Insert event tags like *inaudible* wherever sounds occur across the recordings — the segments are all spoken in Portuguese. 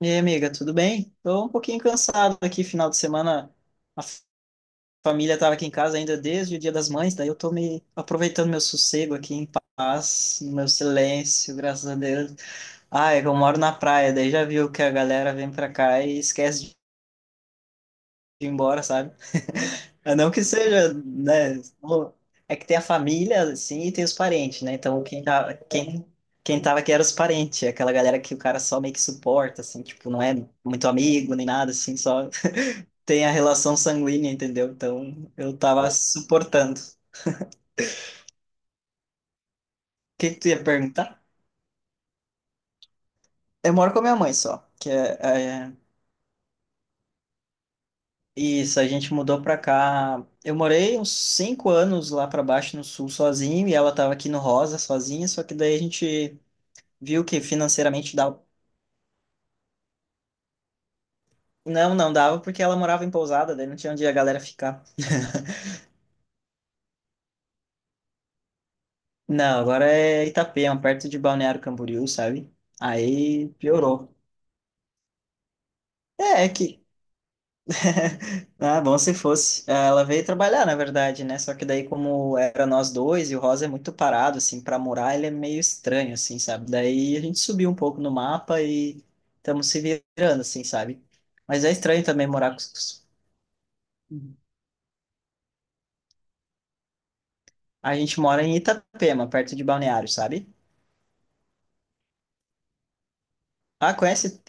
E aí, amiga, tudo bem? Tô um pouquinho cansado aqui, final de semana. A família tava aqui em casa ainda desde o Dia das Mães, daí eu tô me aproveitando meu sossego aqui em paz, no meu silêncio, graças a Deus. Ah, é que eu moro na praia, daí já viu que a galera vem pra cá e esquece ir embora, sabe? *laughs* Não que seja, né? É que tem a família, assim, e tem os parentes, né? Então, quem tava aqui era os parentes, aquela galera que o cara só meio que suporta, assim, tipo, não é muito amigo nem nada, assim, só tem a relação sanguínea, entendeu? Então, eu tava suportando. O que que tu ia perguntar? Eu moro com a minha mãe só, que é, é- isso, a gente mudou pra cá. Eu morei uns 5 anos lá pra baixo no sul sozinho, e ela tava aqui no Rosa sozinha, só que daí a gente viu que financeiramente dava. Não, não dava porque ela morava em pousada, daí não tinha onde a galera ficar. *laughs* Não, agora é Itapema, perto de Balneário Camboriú, sabe? Aí piorou. É, é que. Ah, bom se fosse. Ela veio trabalhar, na verdade, né? Só que daí, como era nós dois, e o Rosa é muito parado, assim, pra morar, ele é meio estranho, assim, sabe? Daí a gente subiu um pouco no mapa e estamos se virando, assim, sabe? Mas é estranho também morar com. A gente mora em Itapema, perto de Balneário, sabe? Ah, conhece.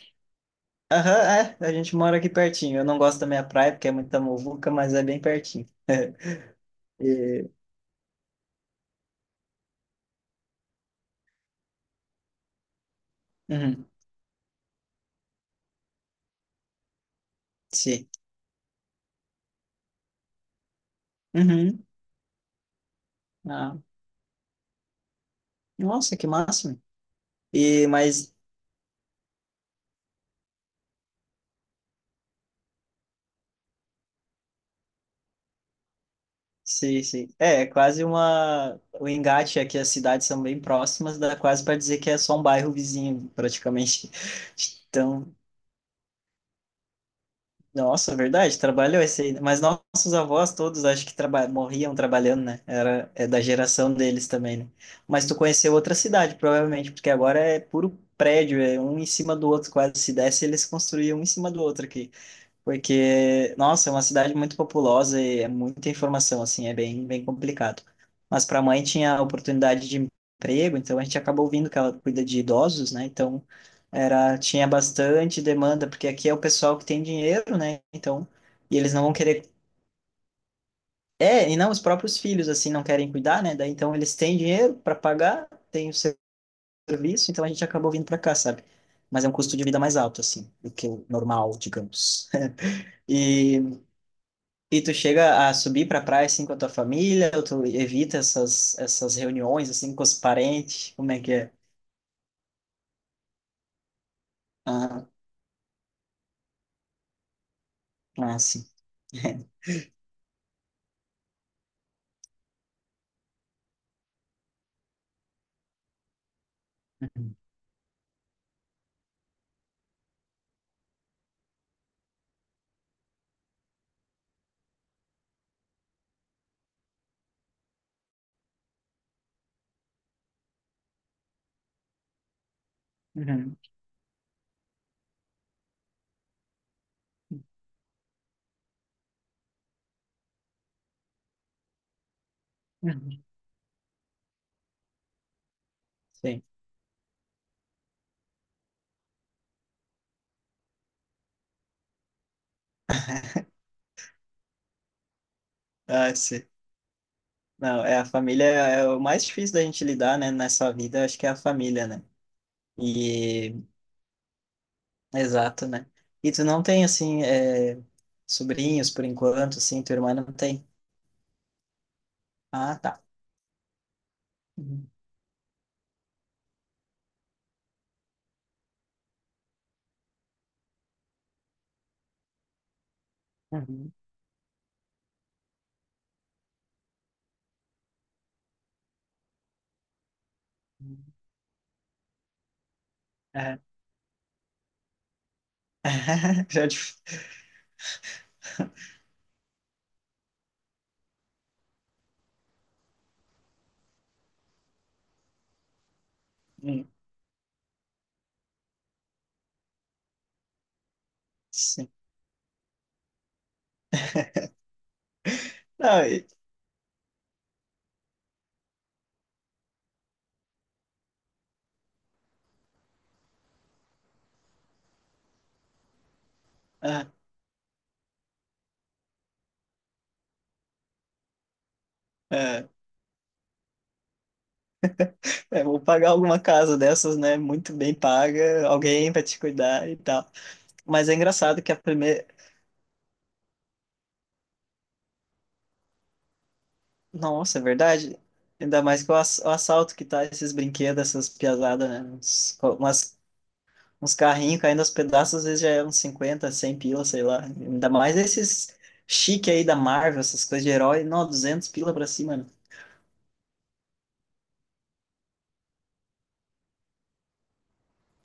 Aham, é, a gente mora aqui pertinho. Eu não gosto da minha praia porque é muita muvuca, mas é bem pertinho. E, uhum, sim. Uhum. Ah, nossa, que máximo. E, mas, sim, sim. É, é quase uma. O Engate aqui, as cidades são bem próximas, dá quase para dizer que é só um bairro vizinho, praticamente. *laughs* Então, nossa, verdade, trabalhou esse aí. Mas nossos avós todos acho que traba morriam trabalhando, né? Era, é da geração deles também, né? Mas tu conheceu outra cidade, provavelmente, porque agora é puro prédio, é um em cima do outro, quase se desse, eles construíam um em cima do outro aqui. Porque, nossa, é uma cidade muito populosa e é muita informação, assim, é bem complicado. Mas para a mãe tinha oportunidade de emprego, então a gente acabou ouvindo que ela cuida de idosos, né? Então era, tinha bastante demanda, porque aqui é o pessoal que tem dinheiro, né? Então, e eles não vão querer. É, e não, os próprios filhos, assim, não querem cuidar, né? Daí, então eles têm dinheiro para pagar, têm o seu serviço, então a gente acabou vindo para cá, sabe? Mas é um custo de vida mais alto, assim, do que o normal, digamos. *laughs* E e tu chega a subir pra praia assim com a tua família, ou tu evita essas, essas reuniões assim com os parentes? Como é que é? Ah, ah, sim. *laughs* Uhum. Uhum. Uhum. Sim. Ah, sim. Não, é a família é o mais difícil da gente lidar, né, nessa vida, acho que é a família, né? E exato, né? E tu não tem assim sobrinhos por enquanto, assim, tua irmã não tem. Ah, tá. Uhum. Uhum. É. *laughs* Já dif- hum, sim. Não, e- ah, é, é, vou pagar alguma casa dessas, né? Muito bem paga, alguém vai te cuidar e tal. Mas é engraçado que a primeira. Nossa, é verdade. Ainda mais que o assalto que tá esses brinquedos, essas piazadas, né? Uns carrinhos caindo aos pedaços, às vezes já é uns 50 100 pila, sei lá. Ainda mais esses chique aí da Marvel, essas coisas de herói. Não, 200 pila pra cima, mano.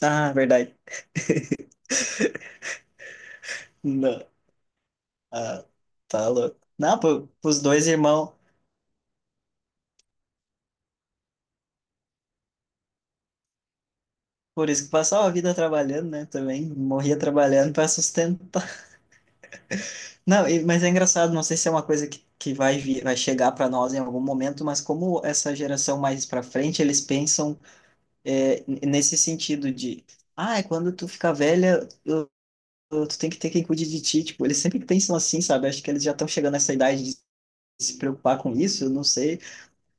Ah, verdade. Não. Ah, tá louco. Não, pros dois irmãos. Por isso que passava a vida trabalhando, né? Também morria trabalhando para sustentar. *laughs* Não, e- mas é engraçado, não sei se é uma coisa que vai vir, vai chegar para nós em algum momento, mas como essa geração mais para frente, eles pensam nesse sentido de, ah, é quando tu ficar velha, tu tem que ter quem cuide de ti. Tipo, eles sempre pensam assim, sabe? Acho que eles já estão chegando nessa idade de se preocupar com isso, eu não sei.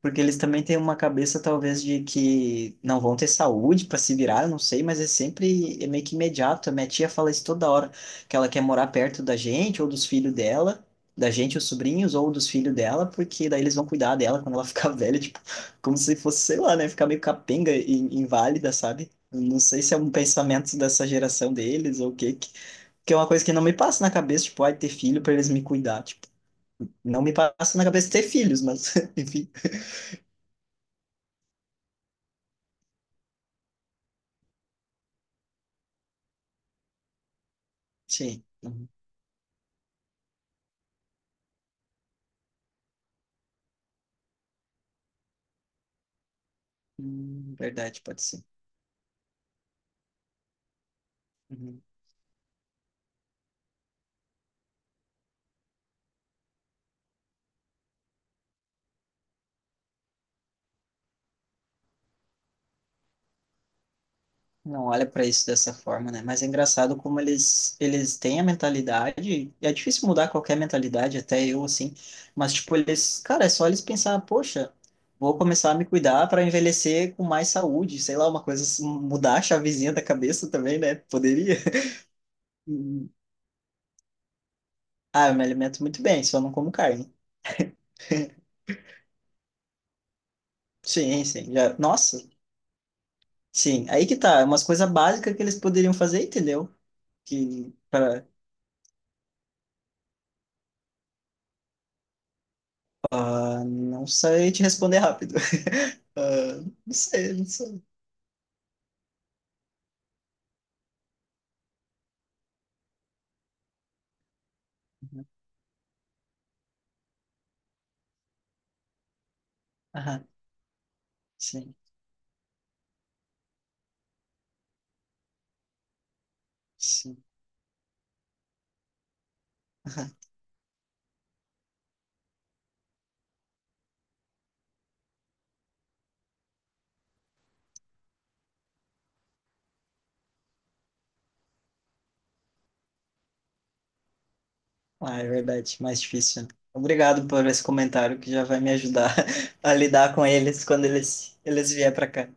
Porque eles também têm uma cabeça, talvez, de que não vão ter saúde para se virar, eu não sei, mas é sempre é meio que imediato. A minha tia fala isso toda hora, que ela quer morar perto da gente, ou dos filhos dela, da gente, os sobrinhos, ou dos filhos dela, porque daí eles vão cuidar dela quando ela ficar *laughs* velha, tipo, como se fosse, sei lá, né, ficar meio capenga e inválida, sabe? Não sei se é um pensamento dessa geração deles ou o quê, que é uma coisa que não me passa na cabeça, tipo, ai, ter filho para eles me cuidar, tipo, não me passa na cabeça ter filhos, mas, *laughs* enfim, sim. Verdade, pode ser. Uhum. Não olha para isso dessa forma, né? Mas é engraçado como eles têm a mentalidade, e é difícil mudar qualquer mentalidade, até eu assim, mas tipo eles, cara, é só eles pensar, poxa, vou começar a me cuidar para envelhecer com mais saúde, sei lá, uma coisa assim, mudar a chavezinha da cabeça também, né? Poderia. *laughs* Uhum. Ah, eu me alimento muito bem, só não como carne. Sim, sim. Já... Nossa, sim. Aí que tá, é umas coisas básicas que eles poderiam fazer, entendeu? Que para ah, não sei te responder rápido. *laughs* Ah, não sei. Aham, sim, sim. Ah, é verdade, mais difícil. Né? Obrigado por esse comentário que já vai me ajudar *laughs* a lidar com eles eles vier para cá.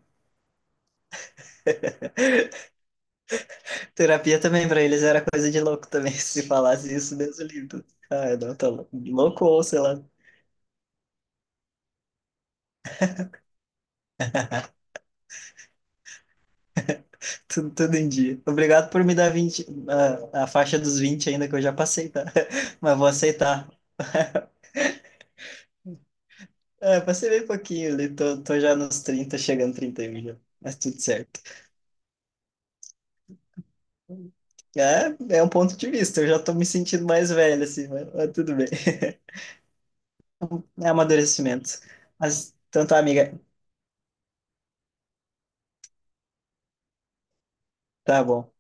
Terapia também para eles era coisa de louco também, *laughs* se falasse isso, Deus o livre. Ah, não, louco ou sei lá, tudo em dia. Obrigado por me dar 20, ah, a faixa dos 20 ainda que eu já passei, tá? *laughs* Mas vou aceitar. *laughs* É, passei bem pouquinho ali, tô já nos 30 chegando 31 já, mas tudo certo. É, é um ponto de vista, eu já tô me sentindo mais velho, assim, mas tudo bem. *laughs* É amadurecimento. Mas, então tá, amiga, tá bom,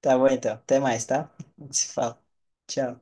tá bom então, até mais, tá? A gente se fala. Tchau.